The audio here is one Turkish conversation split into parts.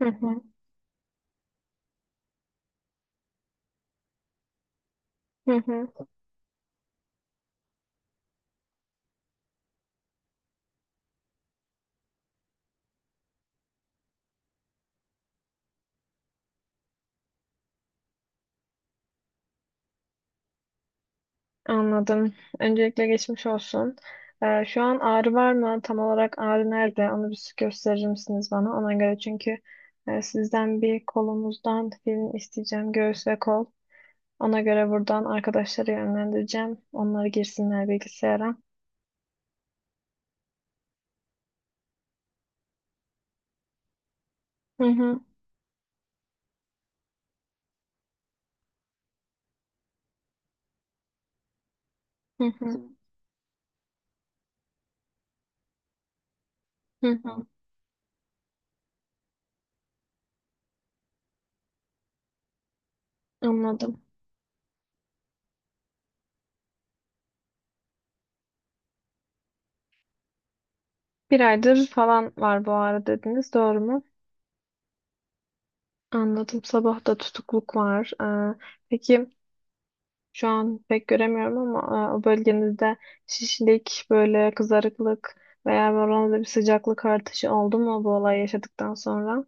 Hı hı, hı hı. Anladım. Öncelikle geçmiş olsun. Şu an ağrı var mı? Tam olarak ağrı nerede? Onu bir gösterir misiniz bana? Ona göre çünkü sizden bir kolumuzdan film isteyeceğim. Göğüs ve kol. Ona göre buradan arkadaşları yönlendireceğim. Onları girsinler bilgisayara. Hı hı, hı hı, hı hı. Anladım. Bir aydır falan var bu ağrı dediniz. Doğru mu? Anladım. Sabah da tutukluk var. Peki. Şu an pek göremiyorum ama o bölgenizde şişlik, böyle kızarıklık veya bir oranda bir sıcaklık artışı oldu mu bu olay yaşadıktan sonra?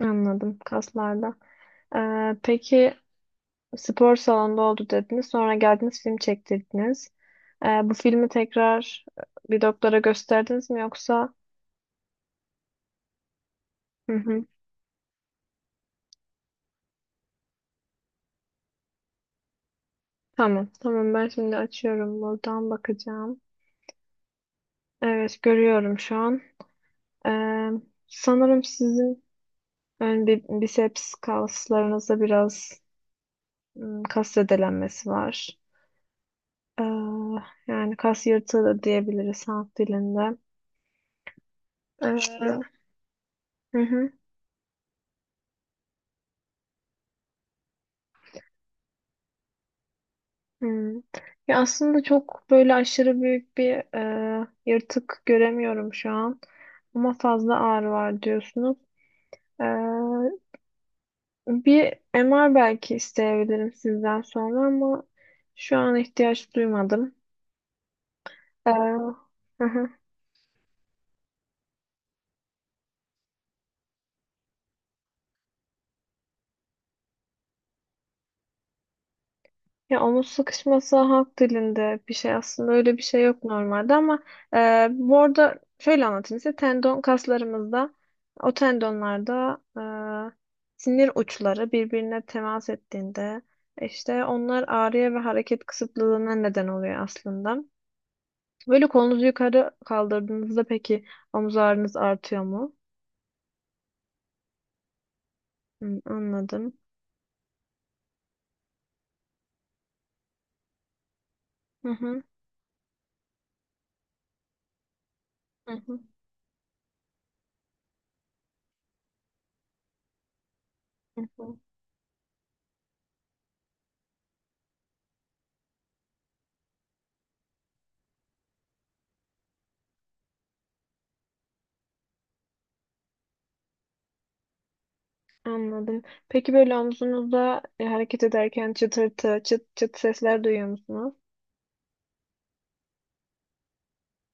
Anladım, kaslarda. E, peki, spor salonunda oldu dediniz. Sonra geldiniz, film çektirdiniz. Bu filmi tekrar bir doktora gösterdiniz mi yoksa? Hı hı. Tamam. Tamam, ben şimdi açıyorum, buradan bakacağım. Evet, görüyorum şu an. E, sanırım sizin ön biceps kaslarınızda biraz kas zedelenmesi var. Ee, yani kas yırtığı da diyebiliriz halk dilinde. Ee, hı hı, hı. Ya aslında çok böyle aşırı büyük bir yırtık göremiyorum şu an. Ama fazla ağrı var diyorsunuz. Ee, bir MR belki isteyebilirim sizden sonra ama şu an ihtiyaç duymadım. Ee, hı hı. Ya omuz sıkışması halk dilinde bir şey, aslında öyle bir şey yok normalde ama bu arada şöyle anlatayım size: tendon kaslarımızda, o tendonlarda sinir uçları birbirine temas ettiğinde, işte onlar ağrıya ve hareket kısıtlılığına neden oluyor aslında. Böyle kolunuzu yukarı kaldırdığınızda peki omuz ağrınız artıyor mu? Hı, anladım. Hı hı, hı hı, hı hı. Anladım. Peki böyle omzunuzda hareket ederken çıtırtı, çıt çıt sesler duyuyor musunuz?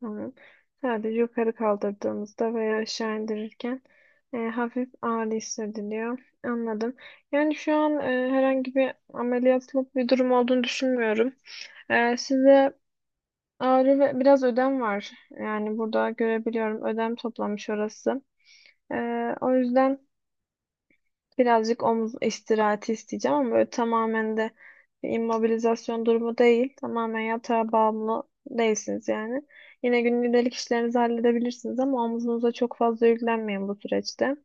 Tamam. Sadece yukarı kaldırdığımızda veya aşağı indirirken hafif ağrı hissediliyor. Anladım. Yani şu an herhangi bir ameliyatlık bir durum olduğunu düşünmüyorum. Size ağrı ve biraz ödem var. Yani burada görebiliyorum, ödem toplamış orası. E, o yüzden birazcık omuz istirahati isteyeceğim ama böyle tamamen de bir immobilizasyon durumu değil. Tamamen yatağa bağımlı değilsiniz yani. Yine günlük işlerinizi halledebilirsiniz ama omuzunuza çok fazla yüklenmeyin bu süreçte.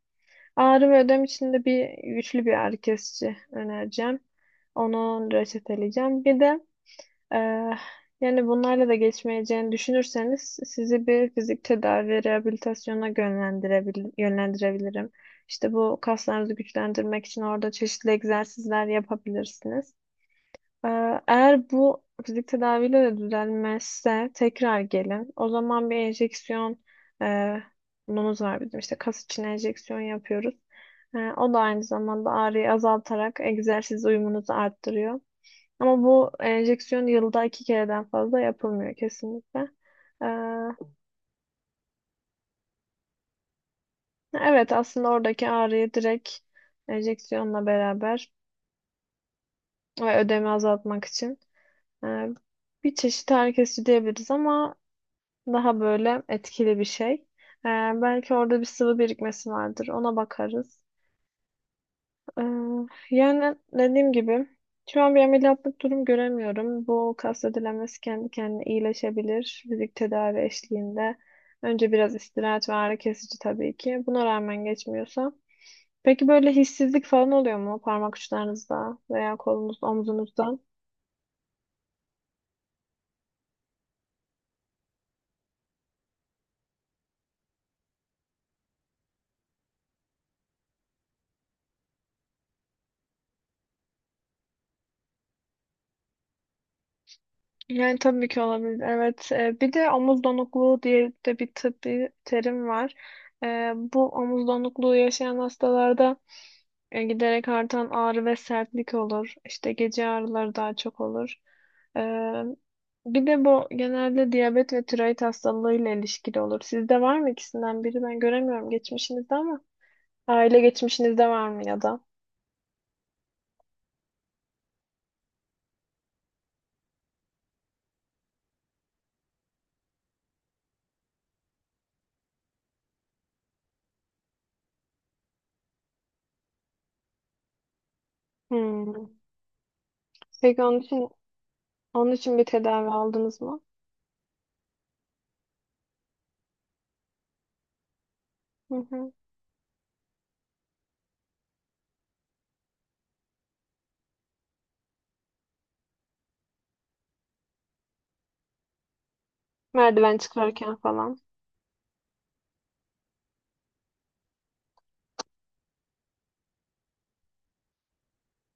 Ağrı ve ödem için de bir güçlü bir ağrı kesici önereceğim. Onu reçeteleyeceğim. Bir de ee, yani bunlarla da geçmeyeceğini düşünürseniz sizi bir fizik tedavi ve rehabilitasyona yönlendirebilirim. İşte bu kaslarınızı güçlendirmek için orada çeşitli egzersizler yapabilirsiniz. Ee, eğer bu fizik tedaviyle de düzelmezse tekrar gelin. O zaman bir enjeksiyon e, bunumuz var bizim, işte kas için enjeksiyon yapıyoruz. O da aynı zamanda ağrıyı azaltarak egzersiz uyumunuzu arttırıyor. Ama bu enjeksiyon yılda iki kereden fazla yapılmıyor kesinlikle. Ee, evet, aslında oradaki ağrıyı direkt enjeksiyonla beraber ve ödemi azaltmak için e, bir çeşit ağrı kesici diyebiliriz ama daha böyle etkili bir şey. Ee, belki orada bir sıvı birikmesi vardır. Ona bakarız. Ee, Yani dediğim gibi şu an bir ameliyatlık durum göremiyorum. Bu kas ödelemesi kendi kendine iyileşebilir fizik tedavi eşliğinde. Önce biraz istirahat ve ağrı kesici tabii ki. Buna rağmen geçmiyorsa. Peki böyle hissizlik falan oluyor mu parmak uçlarınızda veya kolunuzda, omzunuzda? Yani tabii ki olabilir. Evet. Bir de omuz donukluğu diye de bir tıbbi terim var. Bu omuz donukluğu yaşayan hastalarda giderek artan ağrı ve sertlik olur. İşte gece ağrıları daha çok olur. E, bir de bu genelde diyabet ve tiroid hastalığıyla ilişkili olur. Sizde var mı ikisinden biri? Ben göremiyorum geçmişinizde ama aile geçmişinizde var mı ya da? Hmm. Peki onun için bir tedavi aldınız mı? Hı hı. Merdiven çıkarken falan.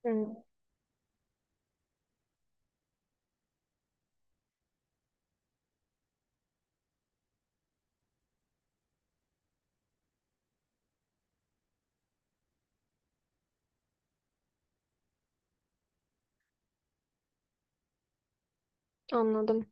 Hmm. Anladım.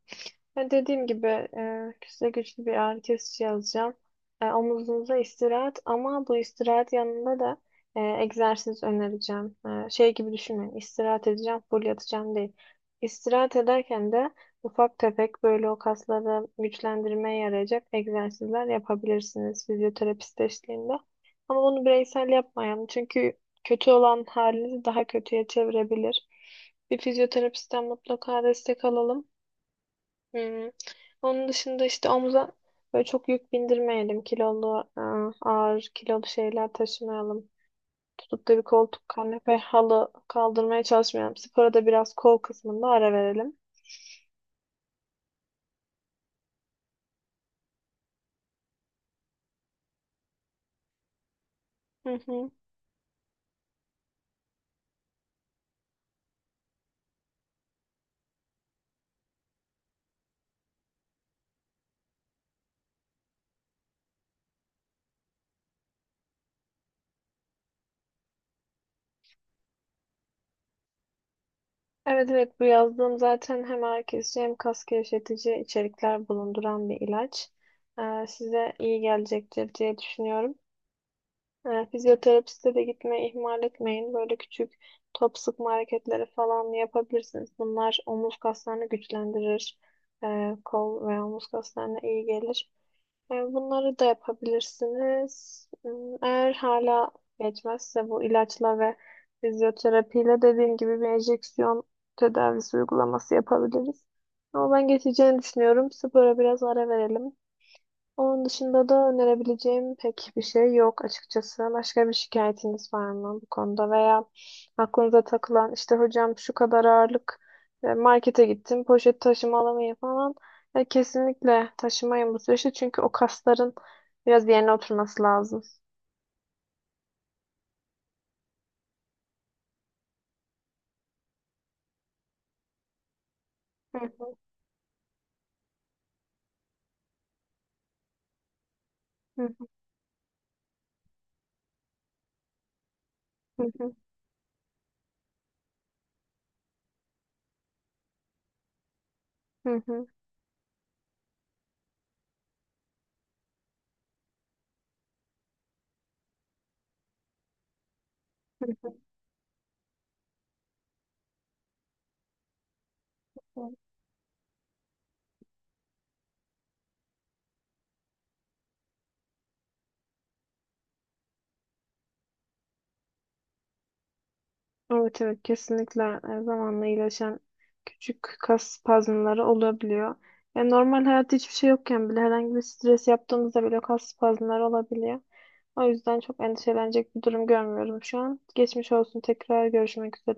Ya dediğim gibi size güçlü bir ağrı kesici yazacağım. Omuzunuza istirahat ama bu istirahat yanında da egzersiz önereceğim. Şey gibi düşünmeyin. İstirahat edeceğim, full yatacağım değil. İstirahat ederken de ufak tefek böyle o kasları güçlendirmeye yarayacak egzersizler yapabilirsiniz fizyoterapist eşliğinde. Ama bunu bireysel yapmayalım çünkü kötü olan halinizi daha kötüye çevirebilir. Bir fizyoterapistten mutlaka destek alalım. Hmm. Onun dışında işte omuza böyle çok yük bindirmeyelim. Kilolu, ağır kilolu şeyler taşımayalım. Tutup da bir koltuk, kanepe, halı kaldırmaya çalışmayalım. Spora da biraz kol kısmında ara verelim. Hı hı. Evet, evet, bu yazdığım zaten hem ağrı kesici, hem kas gevşetici içerikler bulunduran bir ilaç. Size iyi gelecektir diye düşünüyorum. Fizyoterapiste de gitmeyi ihmal etmeyin. Böyle küçük top sıkma hareketleri falan yapabilirsiniz. Bunlar omuz kaslarını güçlendirir. Kol ve omuz kaslarına iyi gelir. Bunları da yapabilirsiniz. Eğer hala geçmezse bu ilaçla ve fizyoterapiyle, dediğim gibi, bir enjeksiyon tedavisi uygulaması yapabiliriz. Ama ben geçeceğini düşünüyorum. Spora biraz ara verelim. Onun dışında da önerebileceğim pek bir şey yok açıkçası. Başka bir şikayetiniz var mı bu konuda veya aklınıza takılan? İşte hocam şu kadar ağırlık markete gittim, poşet taşıma alamayın falan. Kesinlikle taşımayın bu süreçte çünkü o kasların biraz yerine oturması lazım. Hı hı, hı hı, hı hı, hı hı, hı hı. Evet, evet, kesinlikle zamanla iyileşen küçük kas spazmları olabiliyor. Yani normal hayatta hiçbir şey yokken bile herhangi bir stres yaptığımızda bile kas spazmları olabiliyor. O yüzden çok endişelenecek bir durum görmüyorum şu an. Geçmiş olsun, tekrar görüşmek üzere.